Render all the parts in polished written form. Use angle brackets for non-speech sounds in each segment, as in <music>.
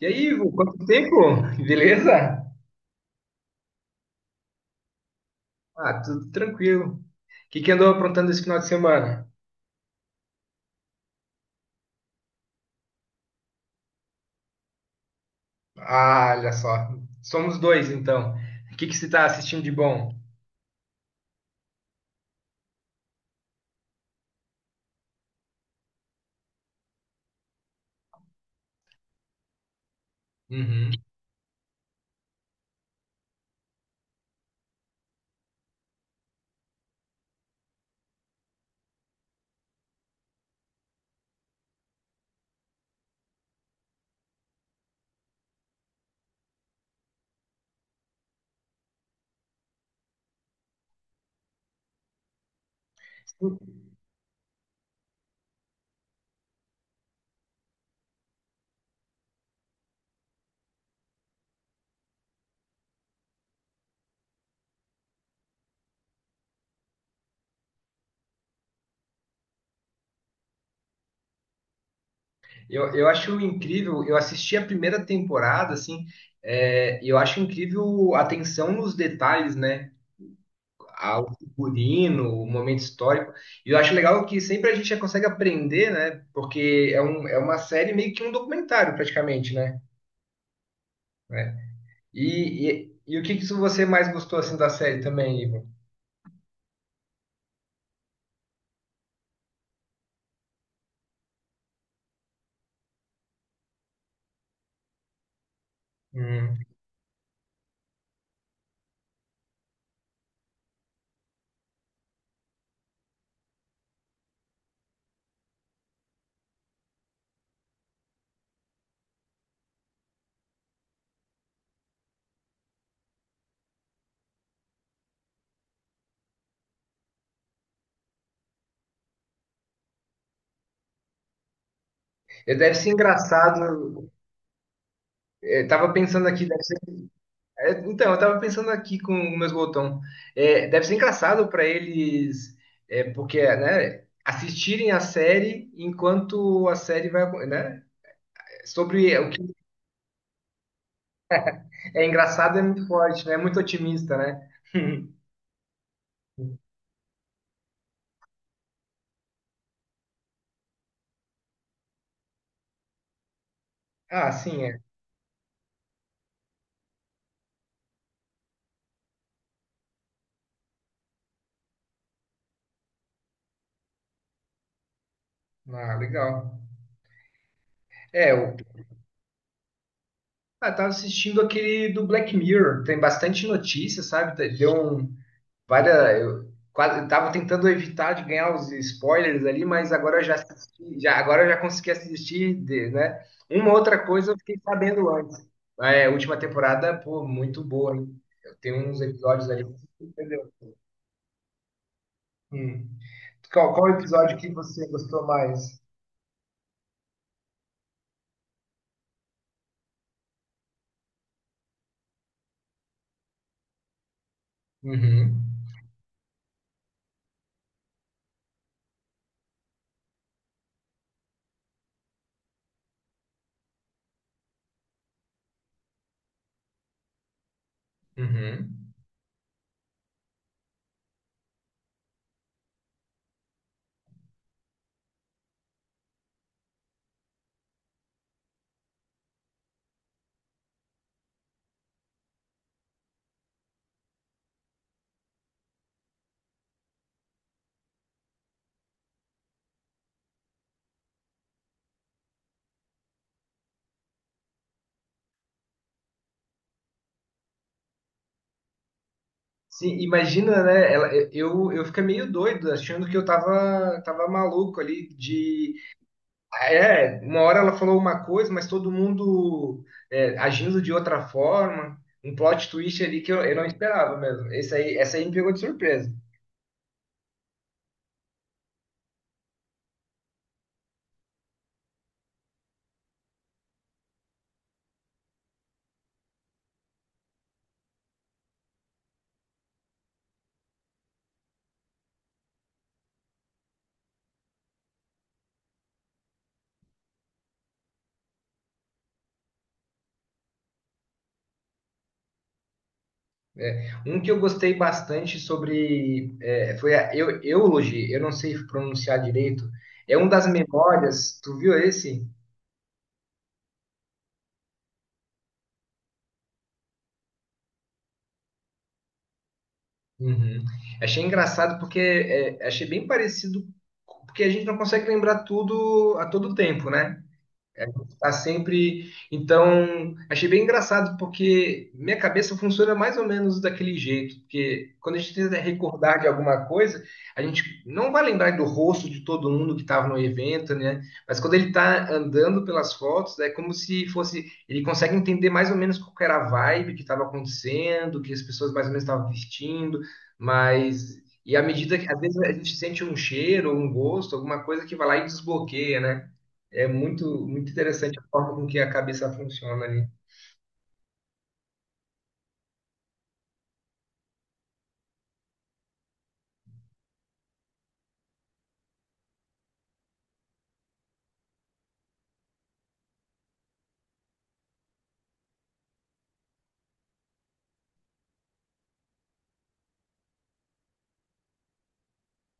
E aí, Ivo, quanto tempo? Beleza? Ah, tudo tranquilo. O que que andou aprontando esse final de semana? Ah, olha só. Somos dois, então. O que que você está assistindo de bom? Uhum. Eu acho incrível. Eu assisti a primeira temporada, assim, eu acho incrível a atenção nos detalhes, né? Ao figurino, o momento histórico. E eu acho legal que sempre a gente já consegue aprender, né? Porque é uma série meio que um documentário, praticamente, né? É, e o que que você mais gostou assim da série também, Igor? Hum. Deve ser engraçado. É, tava pensando aqui, deve ser- é, então, eu tava pensando aqui com o meu botão. É, deve ser engraçado para eles, porque, né, assistirem a série enquanto a série vai, né? Sobre o que é engraçado é muito forte, né? É muito otimista, né? <laughs> Ah, sim, é. Ah, legal. Eu tava assistindo aquele do Black Mirror, tem bastante notícia, sabe? Várias. Eu quase tava tentando evitar de ganhar os spoilers ali, mas agora eu já assisti, já, agora eu já consegui assistir, né? Uma outra coisa eu fiquei sabendo antes. A última temporada, pô, muito boa, hein? Eu tenho uns episódios ali. Você entendeu? Hum. Qual episódio que você gostou mais? Uhum. Uhum. Sim, imagina, né? Eu fiquei meio doido, achando que eu tava maluco ali . Uma hora ela falou uma coisa, mas todo mundo agindo de outra forma. Um plot twist ali que eu não esperava mesmo. Essa aí me pegou de surpresa. Um que eu gostei bastante sobre. Foi a Eulogy, eu não sei pronunciar direito. É um das memórias. Tu viu esse? Uhum. Achei engraçado porque achei bem parecido. Porque a gente não consegue lembrar tudo a todo tempo, né? A gente tá sempre. Então, achei bem engraçado, porque minha cabeça funciona mais ou menos daquele jeito. Porque quando a gente tenta recordar de alguma coisa, a gente não vai lembrar do rosto de todo mundo que estava no evento, né? Mas quando ele está andando pelas fotos, é como se fosse. Ele consegue entender mais ou menos qual que era a vibe que estava acontecendo, o que as pessoas mais ou menos estavam vestindo, E à medida que, às vezes, a gente sente um cheiro, um gosto, alguma coisa que vai lá e desbloqueia, né? É muito, muito interessante a forma com que a cabeça funciona ali.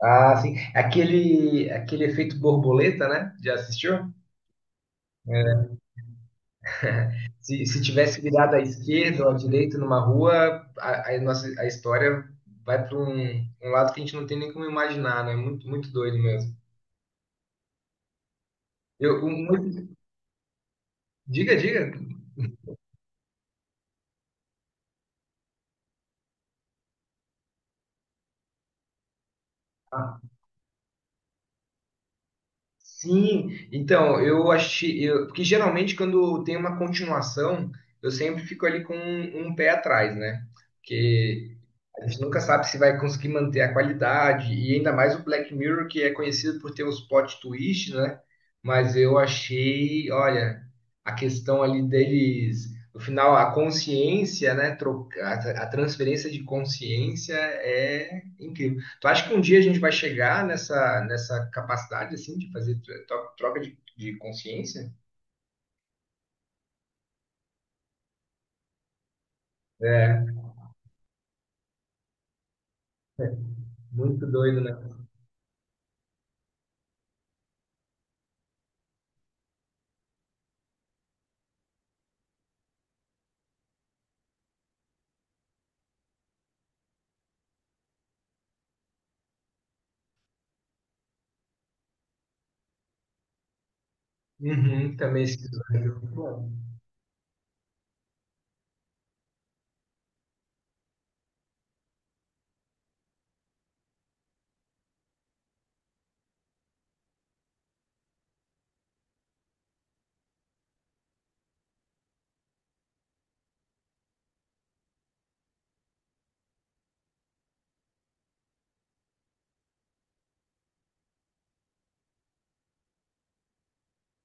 Ah, sim. Aquele efeito borboleta, né? Já assistiu? Se tivesse virado à esquerda ou à direita numa rua, a história vai para um, um lado que a gente não tem nem como imaginar, né? Muito, muito doido mesmo. Eu, um- muito- Diga, diga. Ah, sim, então. Porque geralmente quando tem uma continuação, eu sempre fico ali com um pé atrás, né? Porque a gente nunca sabe se vai conseguir manter a qualidade, e ainda mais o Black Mirror, que é conhecido por ter uns plot twist, né? Mas eu achei, olha, a questão ali deles, no final, a consciência, né? A transferência de consciência é incrível. Tu acha que um dia a gente vai chegar nessa capacidade, assim, de fazer troca de consciência? É, muito doido, né? Uhum, também esquizofrenia.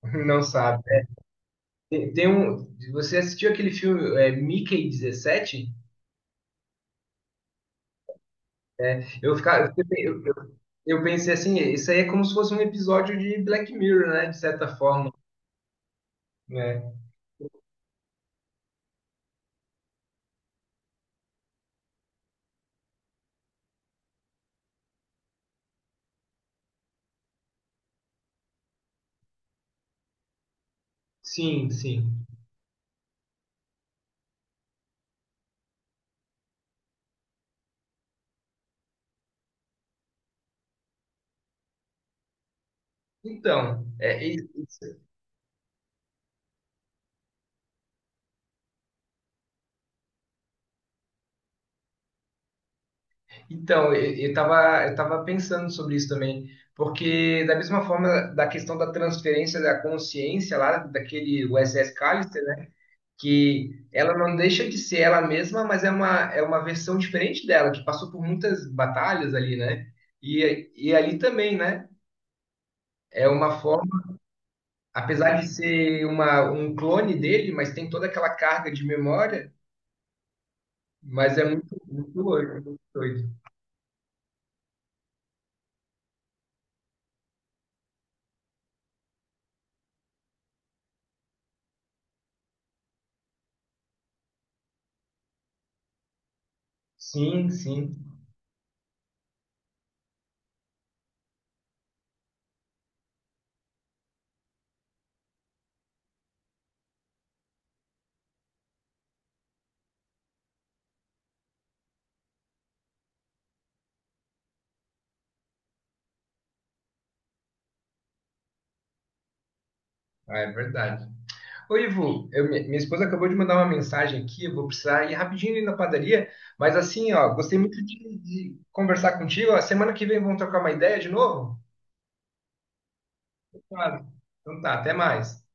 <laughs> Não sabe. Tem um. Você assistiu aquele filme Mickey 17. Eu, fica, eu- Pensei assim, isso aí é como se fosse um episódio de Black Mirror, né? De certa forma, né? Sim, sim. Então, é, e- então eu tava pensando sobre isso também, porque da mesma forma da questão da transferência da consciência lá daquele USS Callister, né, que ela não deixa de ser ela mesma, mas é uma versão diferente dela, que passou por muitas batalhas ali, né? E ali também, né? É uma forma, apesar de ser um clone dele, mas tem toda aquela carga de memória, mas é muito, muito doido, muito doido. Sim, sim. Ah, é verdade. Ô, Ivo, minha esposa acabou de mandar uma mensagem aqui, eu vou precisar ir rapidinho ali na padaria, mas assim, ó, gostei muito de conversar contigo. A semana que vem vamos trocar uma ideia de novo? Claro. Então tá, até mais.